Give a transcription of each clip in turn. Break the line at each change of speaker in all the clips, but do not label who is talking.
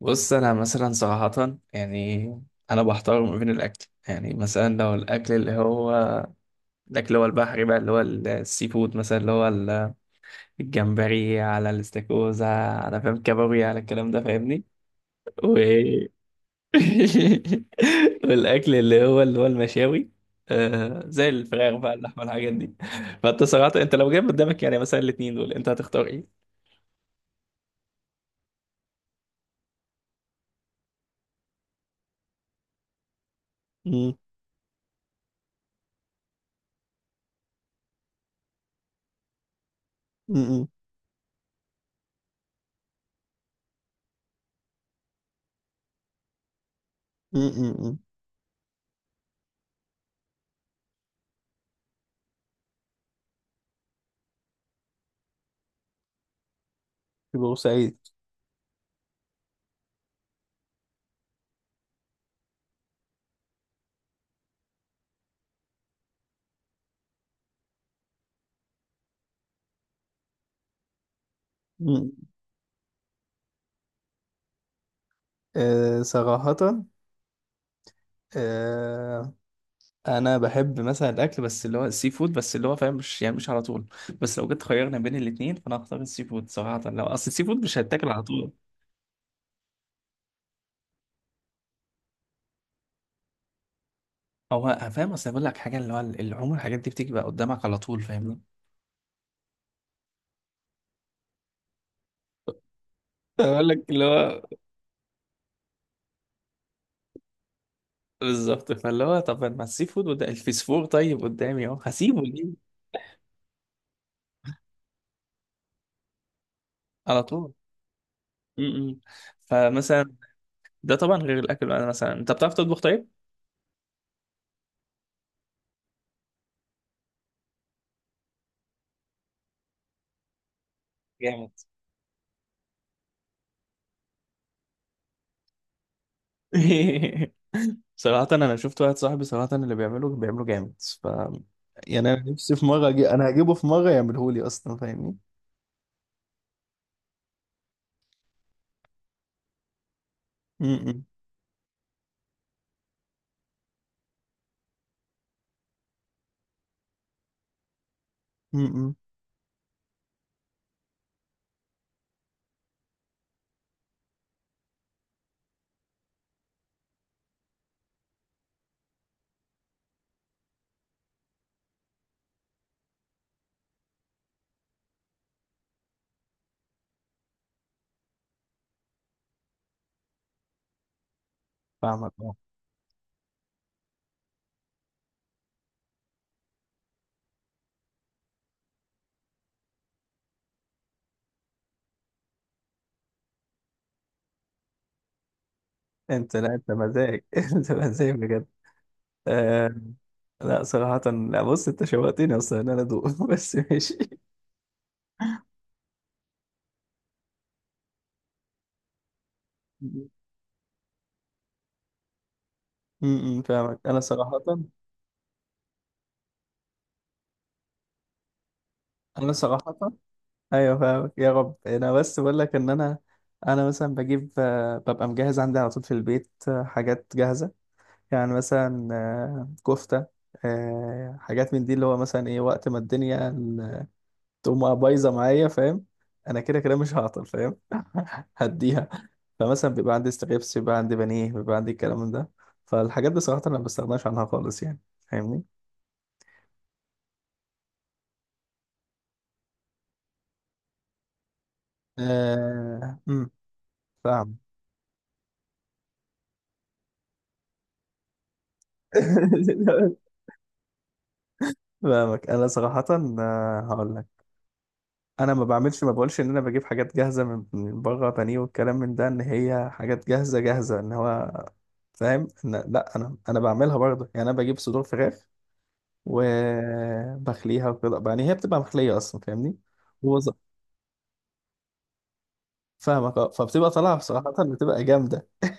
بص، انا مثلا صراحة يعني انا بحتار ما بين الاكل. يعني مثلا لو الاكل اللي هو البحري بقى اللي هو السي فود، مثلا الجمبري على الاستاكوزا على فاهم كابوريا على الكلام ده، فاهمني؟ و... والاكل اللي هو المشاوي، زي الفراخ بقى، اللحمة، الحاجات دي. فانت صراحة انت لو جايب قدامك يعني مثلا الاتنين دول انت هتختار ايه؟ مم. مم. مم. مم. مم. في بورسعيد. مم. أه صراحة. آه، انا بحب مثلا الاكل بس اللي هو السي فود بس، اللي هو فاهم، مش يعني مش على طول. بس لو جيت خيرنا بين الاثنين فانا هختار السي فود صراحه، لو اصل السي فود مش هيتاكل على طول. فاهم، اصل بقول لك حاجه، اللي هو اللي عمر الحاجات دي بتيجي بقى قدامك على طول، فاهمني؟ بقول لك اللي هو بالظبط، فاللي هو طب ما السي فود وده الفسفور طيب قدامي اهو، هسيبه ليه؟ على طول. م- م. فمثلا ده طبعا غير الاكل، انا مثلا انت بتعرف تطبخ طيب؟ جامد. صراحة أنا شفت واحد صاحبي صراحة اللي بيعمله بيعمله جامد، ف يعني أنا نفسي في أنا هجيبه في مرة يعمله لي أصلا، فاهمني؟ م-م. م-م. فاهمك أه. أنت لا أنت مزاج، أنت مزاج بجد. آه... لا صراحة، لا بص أنت شوقتني أصلا إن أنا أدوق، بس ماشي. فاهمك أنا صراحة. أنا صراحة أيوه فاهمك يا رب، أنا بس بقول لك إن أنا مثلا بجيب، ببقى مجهز عندي على طول في البيت حاجات جاهزة، يعني مثلا كفتة، حاجات من دي، اللي هو مثلا ايه وقت ما تقوم بايظة معايا، فاهم؟ انا كده كده مش هعطل، فاهم؟ هديها. فمثلا بيبقى عندي ستريبس، بيبقى عندي بانيه، بيبقى عندي الكلام من ده. فالحاجات دي صراحة انا ما بستغناش عنها خالص يعني، فاهمني؟ آه... أمم، فاهم. فاهمك انا صراحة. هقول لك انا ما بعملش ما بقولش ان انا بجيب حاجات جاهزه من بره، بانيه والكلام من ده، ان هي حاجات جاهزه جاهزه، ان هو فاهم، ان لا انا بعملها برضه يعني، انا بجيب صدور فراخ وبخليها وكده يعني، هي بتبقى مخليه اصلا، فاهمني؟ هو ز- فاهمك اه، فبتبقى طالعه بصراحه، بتبقى جامده.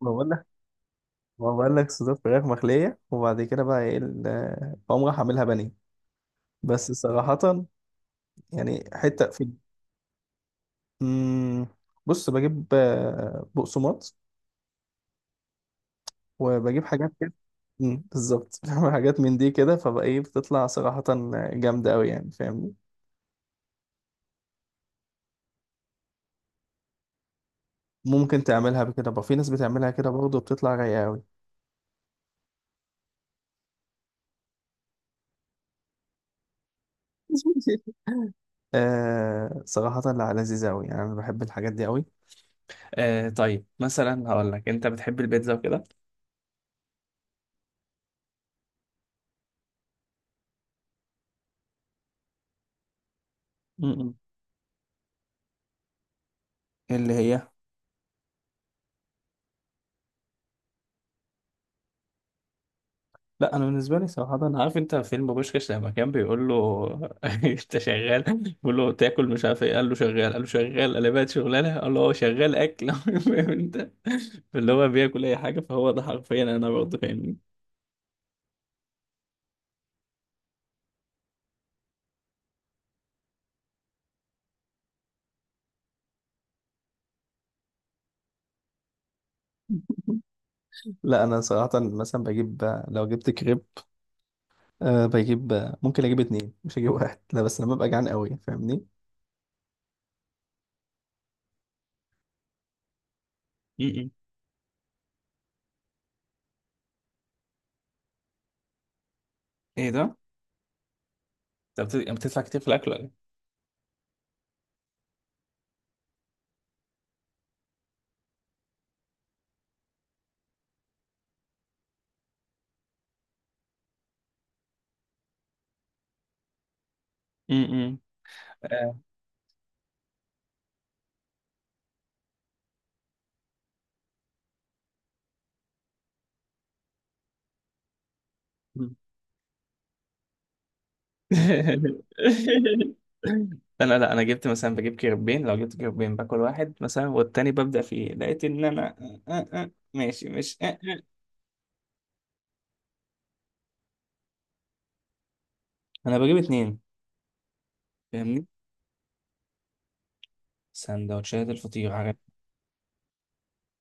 ما بقول لك، ما بقول لك صدور فراخ مخليه وبعد كده بقى ايه بقوم رايح اعملها بانيه، بس صراحه يعني حته في. مم، بص بجيب بقسماط وبجيب حاجات كده. بالظبط، بعمل حاجات من دي كده، فبقى ايه بتطلع صراحة جامدة أوي يعني، فاهمني؟ ممكن تعملها بكده بقى، في ناس بتعملها كده برضه، بتطلع رايقة أوي. آه صراحة، لا لذيذة أوي يعني، أنا بحب الحاجات دي أوي. آه طيب مثلا هقول لك، أنت بتحب البيتزا وكده؟ م. اللي هي لا انا بالنسبه لي صراحه، انا عارف انت فيلم بوشكاش لما كان بيقول له انت شغال؟ بيقول له تاكل مش عارف ايه، قال له شغال، قال له شغال، قال لي بقت شغلانه، قال له هو شغال اكل. فاهم انت، اللي هو بياكل اي حاجه، فهو ده حرفيا انا برضه، فاهمني؟ لا انا صراحه مثلا بجيب، لو جبت كريب، بجيب ممكن اجيب اتنين مش اجيب واحد، لا بس لما ببقى جعان قوي، فاهمني؟ م. ايه ده؟ انت يعني بتدفع كتير في الاكل ولا ايه؟ م- م. آه. انا لا انا جبت مثلا بجيب كيربين، لو جبت كيربين باكل واحد مثلا والتاني ببدأ فيه، لقيت ان انا ماشي مش آه، آه. انا بجيب اتنين، فاهمني؟ سندوتشات الفطير عارف.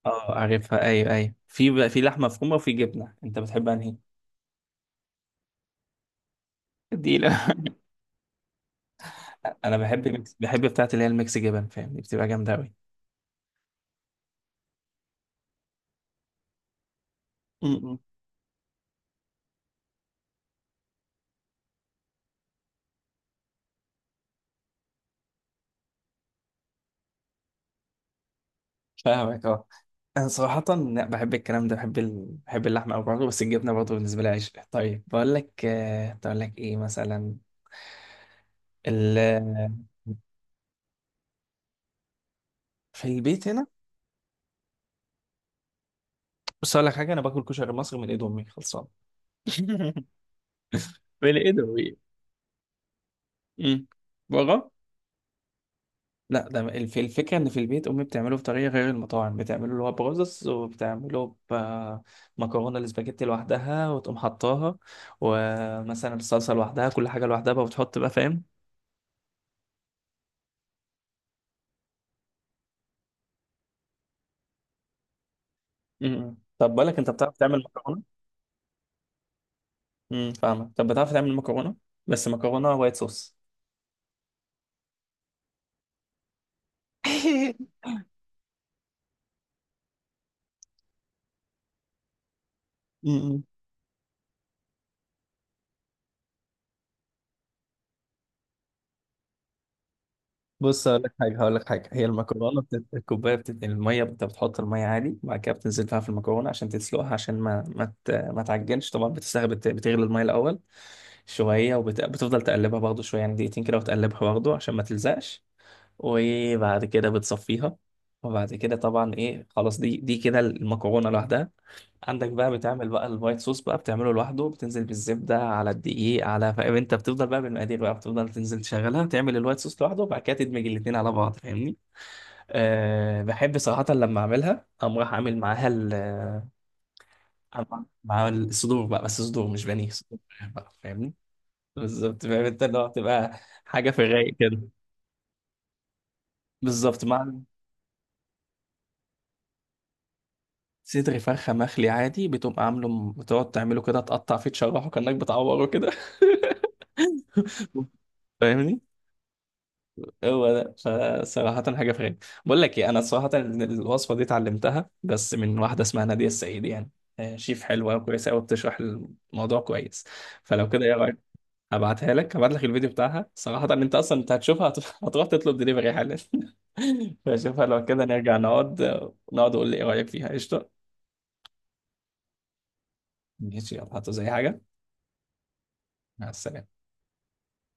اه عارفها، ايوه ايوه، في بقى في لحمه مفرومه وفي جبنه، انت بتحب انهي؟ ديلة. انا بحب ميكس، بحب بتاعت اللي هي الميكس جبن، فاهمني؟ بتبقى جامده قوي. فاهمك اه، انا صراحة لا بحب الكلام ده، بحب اللحمة أوي برضه، بس الجبنة برضه بالنسبة لي عشق. طيب بقول لك، بقول لك ايه مثلا، ال... في البيت هنا. بص اقول لك حاجة، انا باكل كشري مصري من ايد امي خلصان. من ايده إيه؟ امم بره. لا ده الفكرة ان في البيت امي بتعمله بطريقة غير المطاعم، بتعمله اللي هو برز، وبتعمله بمكرونة الاسباجيتي لوحدها وتقوم حطاها، ومثلا الصلصة لوحدها، كل حاجة لوحدها بقى، وبتحط بقى، فاهم؟ طب بقول لك، انت بتعرف تعمل مكرونه؟ فاهمك، طب بتعرف تعمل مكرونه؟ بس مكرونه وايت صوص. امم بص هقول لك حاجه، هقول لك حاجه، هي المكرونه الكوبايه الميه، انت بتحط الميه عادي وبعد كده بتنزل فيها في المكرونه عشان تسلقها، عشان ما ما, ما تعجنش طبعا، بتغلي الميه الاول شويه، بتفضل تقلبها برضه شويه يعني، دقيقتين كده، وتقلبها برضه عشان ما تلزقش، وبعد كده بتصفيها. وبعد كده طبعا ايه خلاص دي كده المكرونه لوحدها. عندك بقى بتعمل بقى الوايت صوص بقى، بتعمله لوحده، بتنزل بالزبده على الدقيق على فاهم انت، بتفضل بقى بالمقادير بقى، بتفضل تنزل تشغلها، تعمل الوايت صوص لوحده، وبعد كده تدمج الاتنين على بعض، فاهمني؟ أه بحب صراحه لما اعملها اقوم رايح اعمل معاها أعمل مع الصدور بقى، بس صدور مش بانيه، صدور بقى، فاهمني؟ بالظبط، فاهم انت، اللي هو بتبقى حاجه في الرايق كده. بالظبط، مع صدر فرخه مخلي عادي، بتقوم عامله بتقعد تعمله كده، تقطع فيه، تشرحه كانك بتعوره كده. فاهمني، هو ده. فصراحة حاجة في غير. بقول لك ايه، انا صراحة الوصفة دي اتعلمتها بس من واحدة اسمها نادية السعيد يعني، شيف حلوة وكويسة قوي، بتشرح الموضوع كويس. فلو كده ايه رأيك؟ هبعتها لك، هبعت لك الفيديو بتاعها صراحة، انت اصلا انت هتشوفها هتروح تطلب دليفري حالا. فشوفها لو كده، نرجع نقعد، نقعد وقول لي ايه رأيك فيها، قشطة؟ ماشي، يلا هاتوا زي حاجة. مع السلامة.